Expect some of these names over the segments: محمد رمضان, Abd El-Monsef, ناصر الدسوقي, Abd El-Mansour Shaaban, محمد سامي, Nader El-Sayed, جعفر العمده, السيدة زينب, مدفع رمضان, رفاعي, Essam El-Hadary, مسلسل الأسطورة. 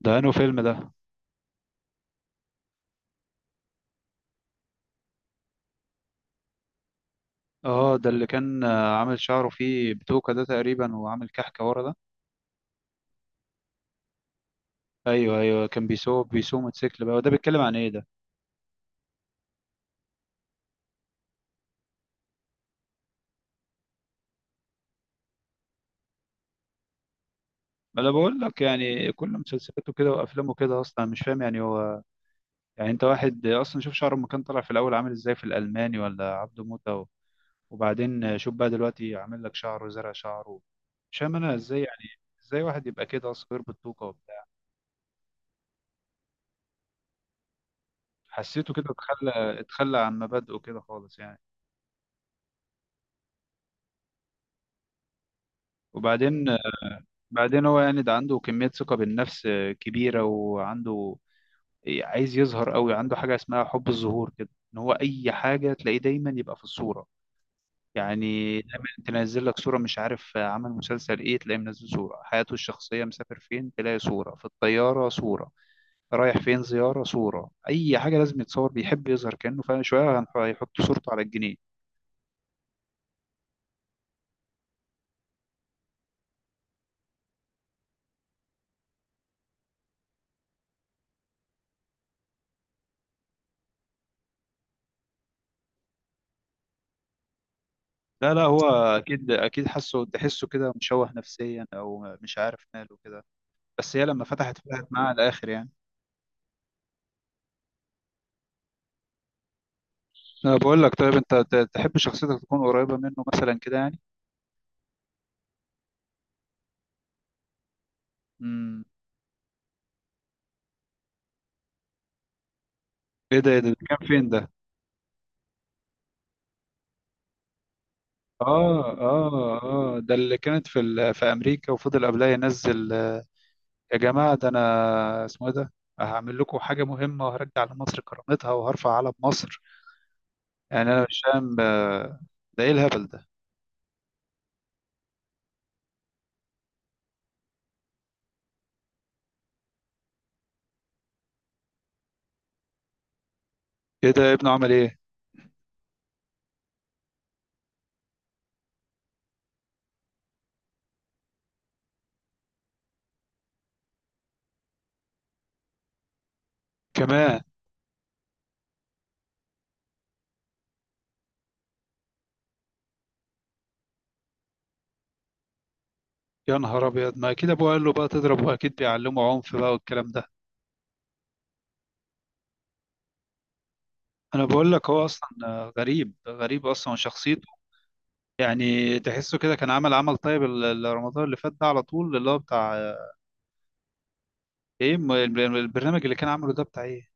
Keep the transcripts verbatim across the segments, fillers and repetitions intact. ده انه فيلم ده. اه ده اللي كان آه، عامل شعره فيه بتوكة ده تقريبا، وعامل كحكة ورا ده. ايوه ايوه، كان بيسوق بيسوق موتوسيكل بقى، وده بيتكلم عن ايه ده؟ ما انا بقول لك يعني كل مسلسلاته كده وافلامه كده، اصلا مش فاهم يعني هو. يعني انت واحد اصلا شوف شعره لما كان طالع في الاول عامل ازاي في الالماني ولا عبده موتة و- وبعدين شوف بقى دلوقتي عامل لك شعره، زرع شعره. مش فاهم انا ازاي يعني. ازاي واحد يبقى كده اصلا غير بالتوكة وبتاع. حسيته كده اتخلى اتخلى عن مبادئه كده خالص يعني. وبعدين، بعدين هو يعني ده عنده كمية ثقة بالنفس آه، كبيرة، وعنده إيه، عايز يظهر قوي، عنده حاجة اسمها حب الظهور كده، ان هو اي حاجة تلاقيه دايما يبقى في الصورة يعني. دايما تنزل لك صورة مش عارف، آه، عمل مسلسل ايه تلاقيه منزل صورة، حياته الشخصية مسافر فين تلاقي صورة، في الطيارة صورة، رايح فين زيارة صورة، اي حاجة لازم يتصور، بيحب يظهر كأنه فعلا شوية، هنح- هيحط صورته على الجنيه. لا لا، هو اكيد اكيد حاسه، تحسه كده مشوه نفسيا او مش عارف ماله كده. بس هي لما فتحت فتحت معاه على الاخر يعني. انا بقول لك طيب انت ت- تحب شخصيتك تكون قريبه منه مثلا كده يعني؟ امم ايه ده؟ ايه ده؟ ده كان فين ده؟ اه اه. اه ده اللي كانت في ال... في امريكا، وفضل قبلها ينزل آه، يا جماعه ده انا اسمه ايه ده، هعمل لكم حاجه مهمه وهرجع لمصر كرامتها وهرفع علم مصر. يعني انا مش فاهم، آه، ده ايه الهبل ده؟ ايه ده؟ ابنه عمل ايه؟ كمان؟ يا نهار ابيض، ما اكيد ابوه قال له بقى تضرب، واكيد بيعلمه عنف بقى والكلام ده. انا بقول لك هو اصلا غريب، غريب اصلا شخصيته. يعني تحسه كده كان عمل عمل طيب ال- ال- رمضان اللي فات ده على طول، اللي هو بتاع ايه، م- ال- البرنامج اللي كان عامله ده بتاع ايه؟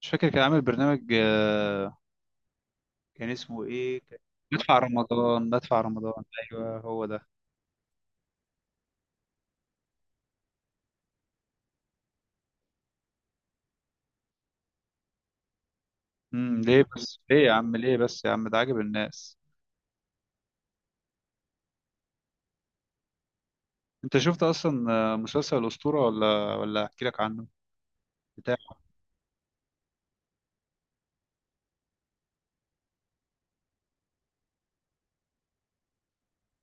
مش فاكر، كان عامل برنامج آه، كان اسمه ايه، كان- مدفع رمضان، مدفع رمضان. ايوه هو ده. امم، ليه بس؟ ليه يا عم؟ ليه بس يا عم ده عاجب الناس؟ انت شفت اصلا آه، مسلسل الاسطوره، ولا ولا احكي لك عنه؟ بتاع،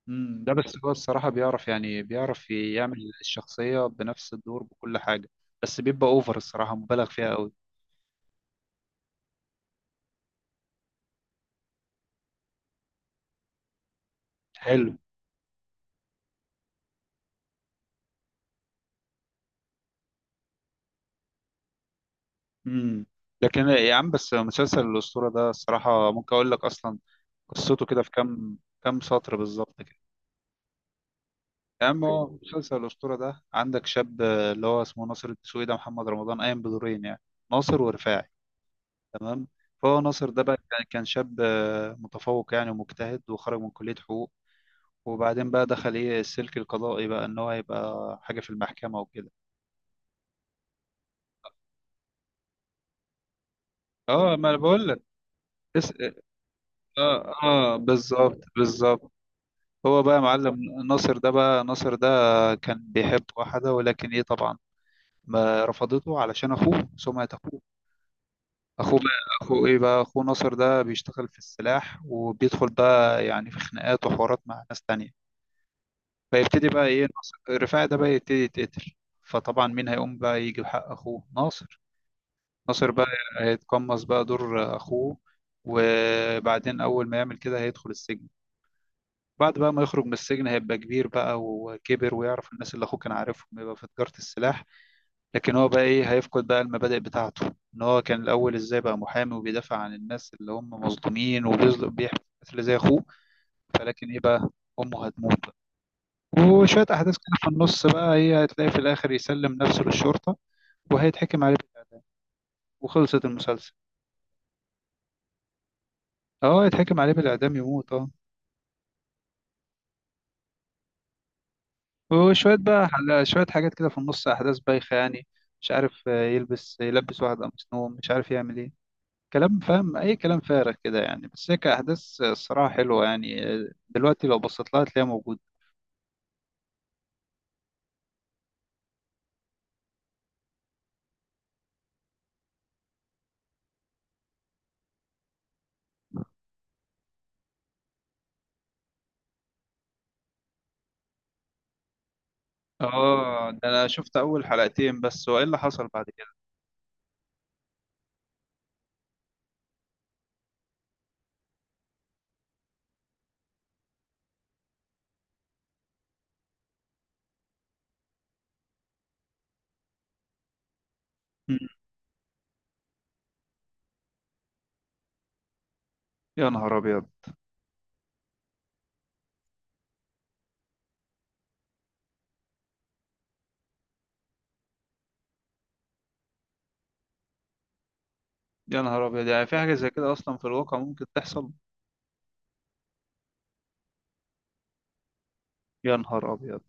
امم، ده بس هو الصراحة بيعرف يعني، بيعرف يعمل الشخصية بنفس الدور بكل حاجة. بس بيبقى اوفر، الصراحة مبالغ فيها قوي. حلو. امم. لكن يا عم بس مسلسل الأسطورة ده الصراحة ممكن أقول لك أصلا قصته كده في كام، كام سطر بالظبط كده. يا عم هو مسلسل الأسطورة ده عندك شاب آه، اللي هو اسمه ناصر الدسوقي، ده محمد رمضان قايم بدورين يعني، ناصر ورفاعي. تمام. فهو ناصر ده بقى كان كان شاب آه، متفوق يعني ومجتهد، وخرج من كلية حقوق. وبعدين بقى دخل ايه، السلك القضائي بقى، ان هو يبقى حاجه في المحكمه وكده. اه ما انا بقول لك. اس... اه اه، بالظبط بالظبط. هو بقى معلم. ناصر ده بقى، ناصر ده كان بيحب واحده، ولكن ايه طبعا ما رفضته علشان اخوه، سمعة اخوه. اخوه بقى، اخوه ايه بقى، اخوه ناصر ده بيشتغل في السلاح، وبيدخل بقى يعني في خناقات وحوارات مع ناس تانية. فيبتدي بقى ايه ناصر رفاعي ده بقى يبتدي يتقتل. فطبعا مين هيقوم بقى يجيب حق اخوه ناصر؟ ناصر بقى هيتقمص بقى دور اخوه. وبعدين اول ما يعمل كده هيدخل السجن. بعد بقى ما يخرج من السجن هيبقى كبير بقى وكبر، ويعرف الناس اللي اخوه كان عارفهم، يبقى في تجارة السلاح. لكن هو بقى ايه، هيفقد بقى المبادئ بتاعته، ان هو كان الاول ازاي بقى محامي وبيدافع عن الناس اللي هم مظلومين، وبيظلم بيحمي الناس اللي زي اخوه. فلكن ايه بقى، امه هتموت بقى، وشوية احداث كده في النص بقى ايه، هتلاقي في الاخر يسلم نفسه للشرطة، وهيتحكم عليه بالإعدام. وخلصت المسلسل. اه يتحكم عليه بالإعدام، يموت اه. وشوية بقى حل... شوية حاجات كده في النص أحداث بايخة يعني، مش عارف، آه، يلبس يلبس واحد قميص نوم، مش عارف يعمل إيه، كلام فاهم، أي كلام فارغ كده يعني. بس هي كأحداث آه، الصراحة حلوة يعني، آه، دلوقتي لو بصيت لها هتلاقيها موجودة. آه ده أنا شفت أول حلقتين بس، وإيه اللي حصل بعد كده؟ مم. يا نهار أبيض. يا نهار أبيض، يعني في حاجة زي كده أصلا في الواقع ممكن تحصل؟ يا نهار أبيض.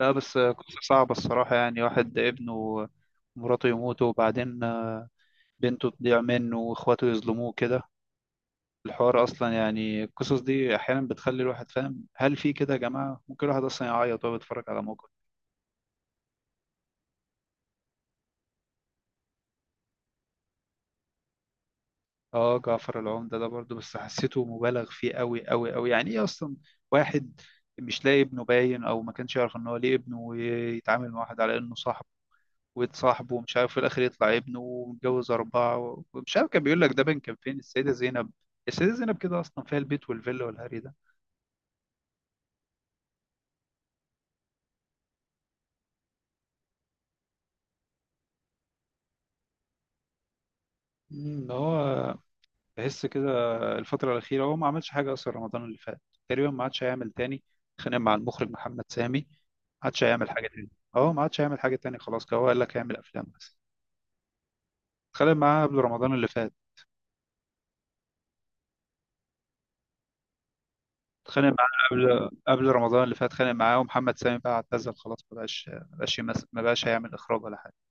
لا بس آه، قصة صعبة الصراحة، يعني واحد ابنه ومراته يموتوا، وبعدين آه، بنته تضيع منه، وإخواته يظلموه كده. الحوار اصلا يعني القصص دي احيانا بتخلي الواحد فاهم هل في كده يا جماعه، ممكن الواحد اصلا يعيط وهو بيتفرج على موقف. اه جعفر العمده ده برضه، بس حسيته مبالغ فيه قوي قوي قوي، يعني ايه اصلا، واحد مش لاقي ابنه باين، او ما كانش يعرف ان هو ليه ابنه، ويتعامل مع واحد على انه صاحب ويتصاحب، ومش عارف في الاخر يطلع ابنه ومتجوز اربعه، ومش عارف كان بيقول لك ده بين كان فين، السيده زينب. السيده زينب كده اصلا فيها البيت والفيلا والهري ده. مم، هو بحس كده الفترة الأخيرة هو ما عملش حاجة أصلا، رمضان اللي فات تقريبا ما عادش هيعمل تاني. اتخانق مع المخرج محمد سامي، ما عادش هيعمل حاجة تاني. اه ما عادش هيعمل حاجة تاني، خلاص كده هو قال لك هيعمل أفلام بس. اتخانق معاه قبل رمضان اللي فات، اتخانق معاه قبل قبل رمضان اللي فات، اتخانق معاه ومحمد سامي بقى اعتزل خلاص، ما بقاش ما بقاش يمثل، ما بقاش هيعمل إخراج ولا حاجة.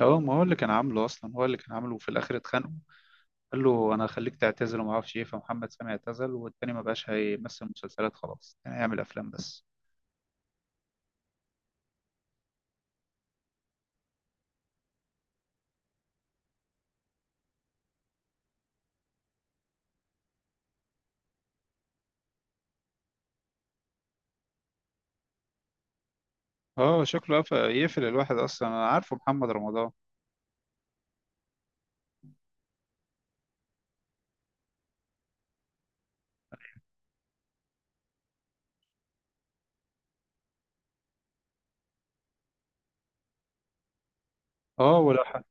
اه ما هو اللي كان عامله أصلا، هو اللي كان عامله وفي الآخر اتخانقوا. قال له أنا هخليك تعتزل وما أعرفش إيه، فمحمد سامي اعتزل، والتاني ما بقاش هيمثل مسلسلات خلاص، كان هيعمل أفلام بس. اه شكله قف- يقفل الواحد اصلا، انا عارفه محمد رمضان. اه ولا،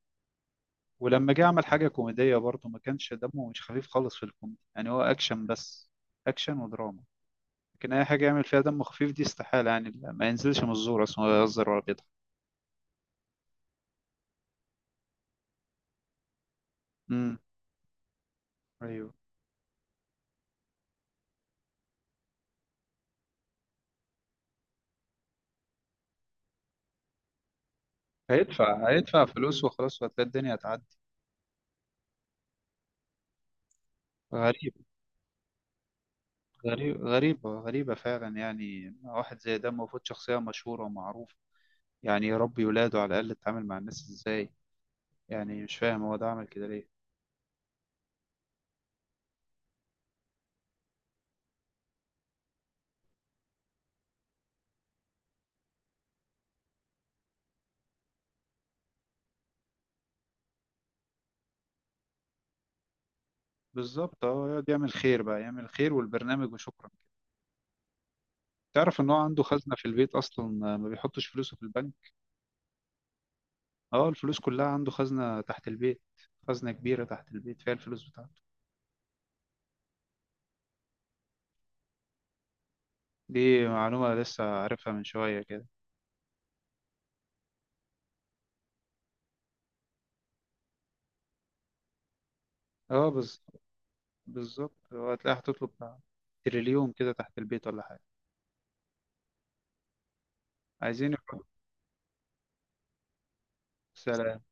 ولما جه عمل حاجه كوميديه برضه ما كانش دمه، مش خفيف خالص في الكوميدي يعني، هو اكشن بس، اكشن ودراما. لكن اي حاجه يعمل فيها دم خفيف دي استحاله يعني، لا- ما ينزلش من الزور اصلا، ولا يهزر ولا بيضحك. امم. ايوه. هيدفع هيدفع فلوس وخلاص، وهتلاقي الدنيا هتعدي. غريب. غريب، غريبه غريبه فعلا، يعني واحد زي ده المفروض شخصيه مشهوره ومعروفه، يعني يربي ولاده على الاقل، يتعامل مع الناس ازاي، يعني مش فاهم هو ده عمل كده ليه. بالظبط اه، يقعد يعمل خير بقى، يعمل خير والبرنامج وشكرا. تعرف ان هو عنده خزنة في البيت اصلا؟ آه، ما بيحطش فلوسه في البنك. اه الفلوس كلها عنده خزنة تحت البيت، خزنة كبيرة تحت البيت فيها الفلوس بتاعته. دي معلومة لسه عارفها من شوية كده. اه بز- بالظبط، هو هتلاقيها هتطلب بتاع تريليون كده تحت البيت ولا حاجة. عايزين يحطوا. سلام.